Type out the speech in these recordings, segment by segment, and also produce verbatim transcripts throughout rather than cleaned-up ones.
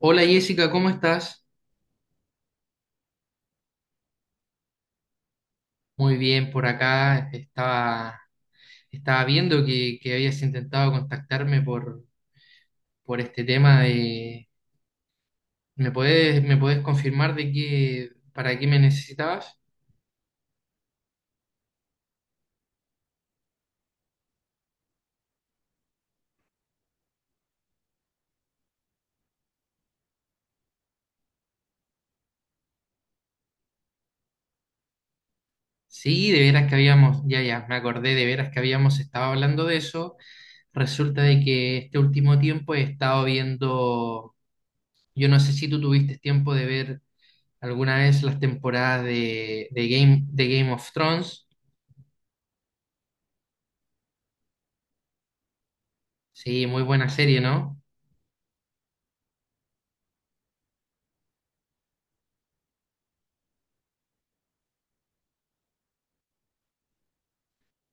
Hola Jessica, ¿cómo estás? Muy bien, por acá estaba, estaba viendo que, que habías intentado contactarme por, por este tema de... ¿Me puedes, me puedes confirmar de qué, para qué me necesitabas? Sí, de veras que habíamos, ya, ya, me acordé de veras que habíamos estado hablando de eso. Resulta de que este último tiempo he estado viendo, yo no sé si tú tuviste tiempo de ver alguna vez las temporadas de, de Game, de Game of Thrones. Sí, muy buena serie, ¿no?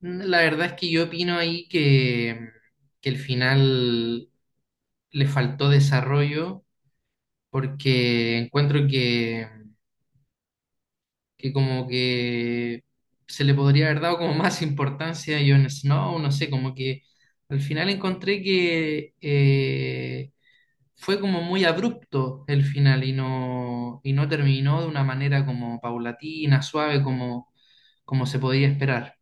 Mm, la verdad es que yo opino ahí que, que el final le faltó desarrollo porque encuentro que, que como que se le podría haber dado como más importancia a Jon Snow, no sé, como que al final encontré que eh, fue como muy abrupto el final y no, y no terminó de una manera como paulatina, suave, como, como se podía esperar.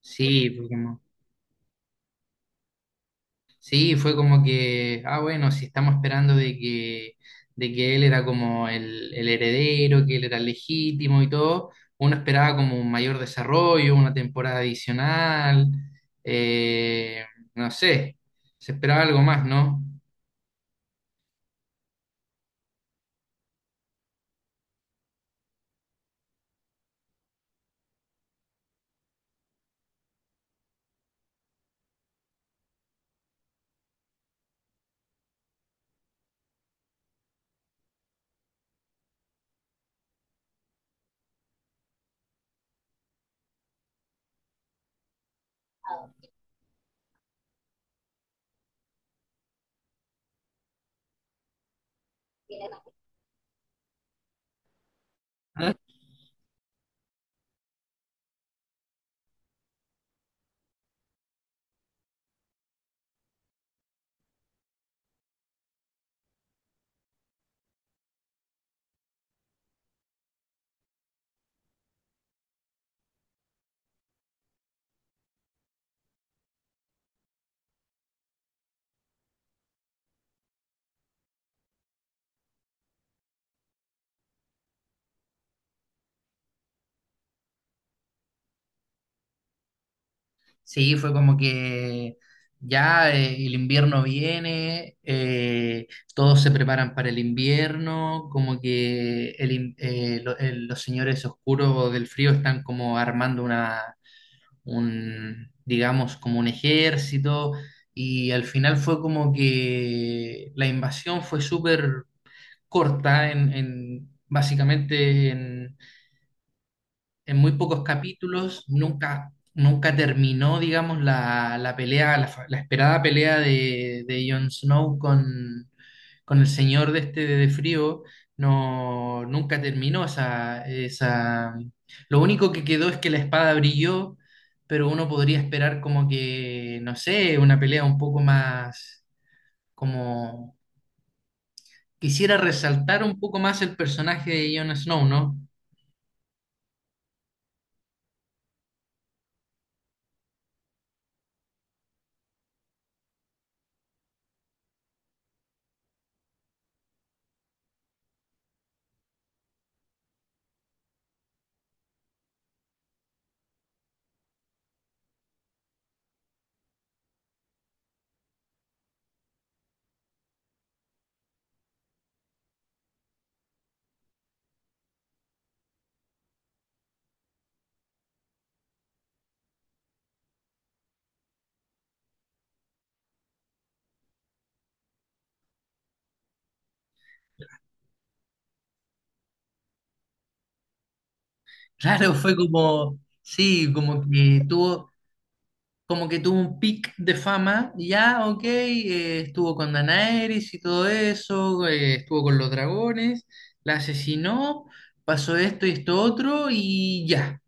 Sí, porque no. Sí, fue como que, ah, bueno, si estamos esperando de que, de que él era como el, el heredero, que él era legítimo y todo, uno esperaba como un mayor desarrollo, una temporada adicional, eh, no sé, se esperaba algo más, ¿no? Sí, fue como que ya eh, el invierno viene, eh, todos se preparan para el invierno, como que el in- eh, lo- el- los señores oscuros del frío están como armando una, un, digamos, como un ejército, y al final fue como que la invasión fue súper corta en, en- básicamente en muy pocos capítulos, nunca, nunca terminó, digamos, la, la pelea, la, fa- la esperada pelea de, de Jon Snow con, con el señor de este de frío, no, nunca terminó esa, esa... Lo único que quedó es que la espada brilló, pero uno podría esperar como que, no sé, una pelea un poco más, como... Quisiera resaltar un poco más el personaje de Jon Snow, ¿no? Claro, fue como, sí, como que tuvo, como que tuvo un pic de fama, y ya, ok, eh, estuvo con Daenerys y todo eso, eh, estuvo con los dragones, la asesinó, pasó esto y esto otro, y ya.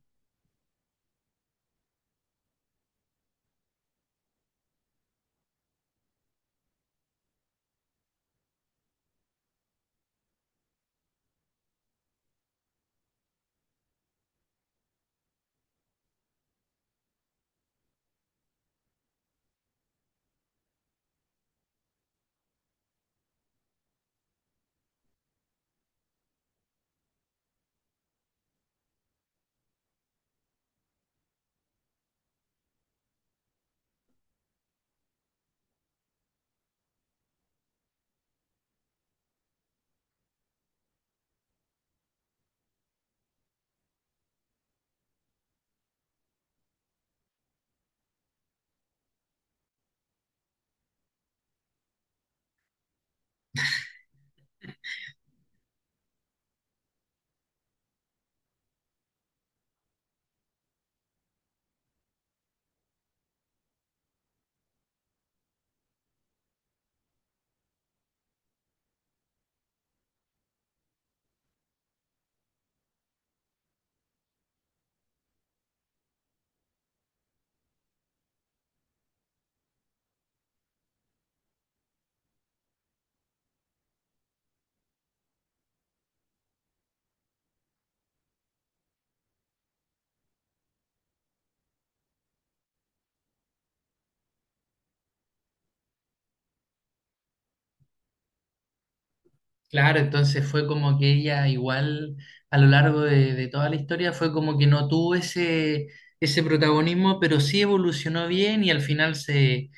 Claro, entonces fue como que ella igual a lo largo de, de toda la historia fue como que no tuvo ese, ese protagonismo, pero sí evolucionó bien y al final se,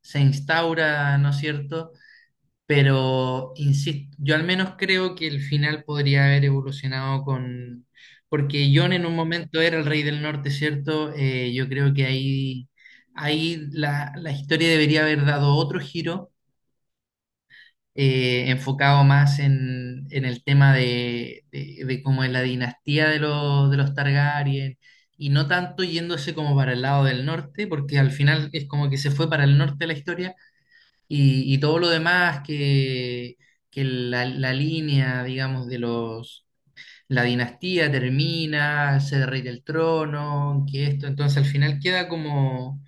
se instaura, ¿no es cierto? Pero, insisto, yo al menos creo que el final podría haber evolucionado con... Porque Jon en un momento era el rey del norte, ¿cierto? Eh, yo creo que ahí, ahí la, la historia debería haber dado otro giro, eh, enfocado más en, en el tema de, de, de cómo es la dinastía de los, de los Targaryen, y no tanto yéndose como para el lado del norte, porque al final es como que se fue para el norte la historia y, y todo lo demás que, que la, la línea, digamos, de los... La dinastía termina, se derrite el trono, que esto, entonces al final queda como,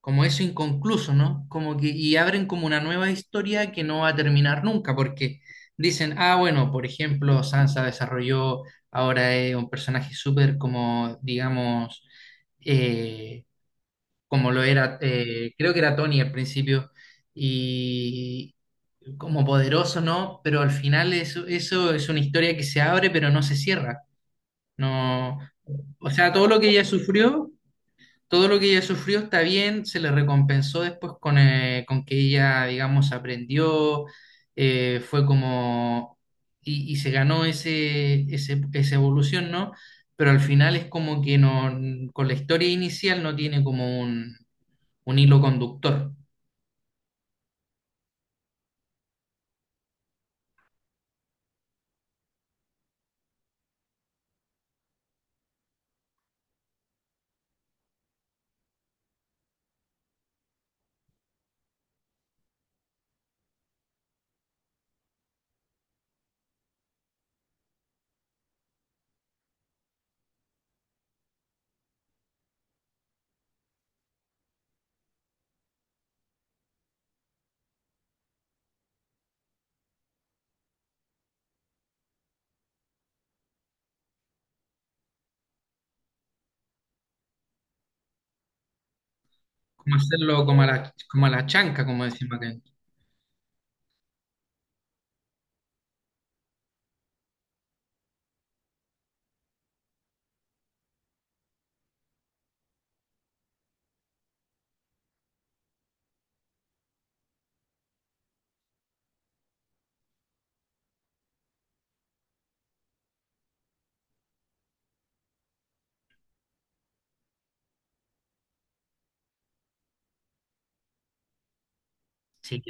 como eso inconcluso, ¿no? Como que, y abren como una nueva historia que no va a terminar nunca, porque dicen, ah, bueno, por ejemplo, Sansa desarrolló, ahora es un personaje súper como, digamos, eh, como lo era, eh, creo que era Tony al principio, y, como poderoso, ¿no? Pero al final eso, eso es una historia que se abre, pero no se cierra. No, o sea, todo lo que ella sufrió, todo lo que ella sufrió está bien, se le recompensó después con, eh, con que ella, digamos, aprendió, eh, fue como, y, y se ganó ese, ese, esa evolución, ¿no? Pero al final es como que no, con la historia inicial no tiene como un, un hilo conductor, como hacerlo como a la, como a la chanca, como decimos acá. Sí,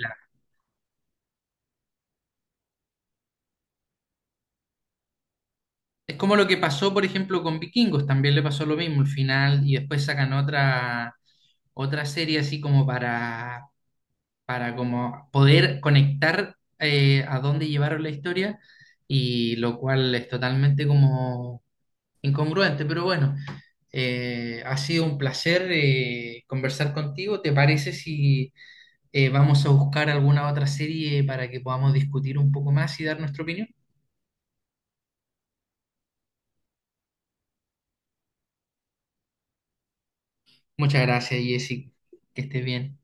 es como lo que pasó, por ejemplo, con Vikingos, también le pasó lo mismo al final y después sacan otra, otra serie así como para, para como poder conectar eh, a dónde llevaron la historia y lo cual es totalmente como incongruente, pero bueno, eh, ha sido un placer eh, conversar contigo. ¿Te parece si eh, vamos a buscar alguna otra serie para que podamos discutir un poco más y dar nuestra opinión? Muchas gracias, Jessy. Que estés bien.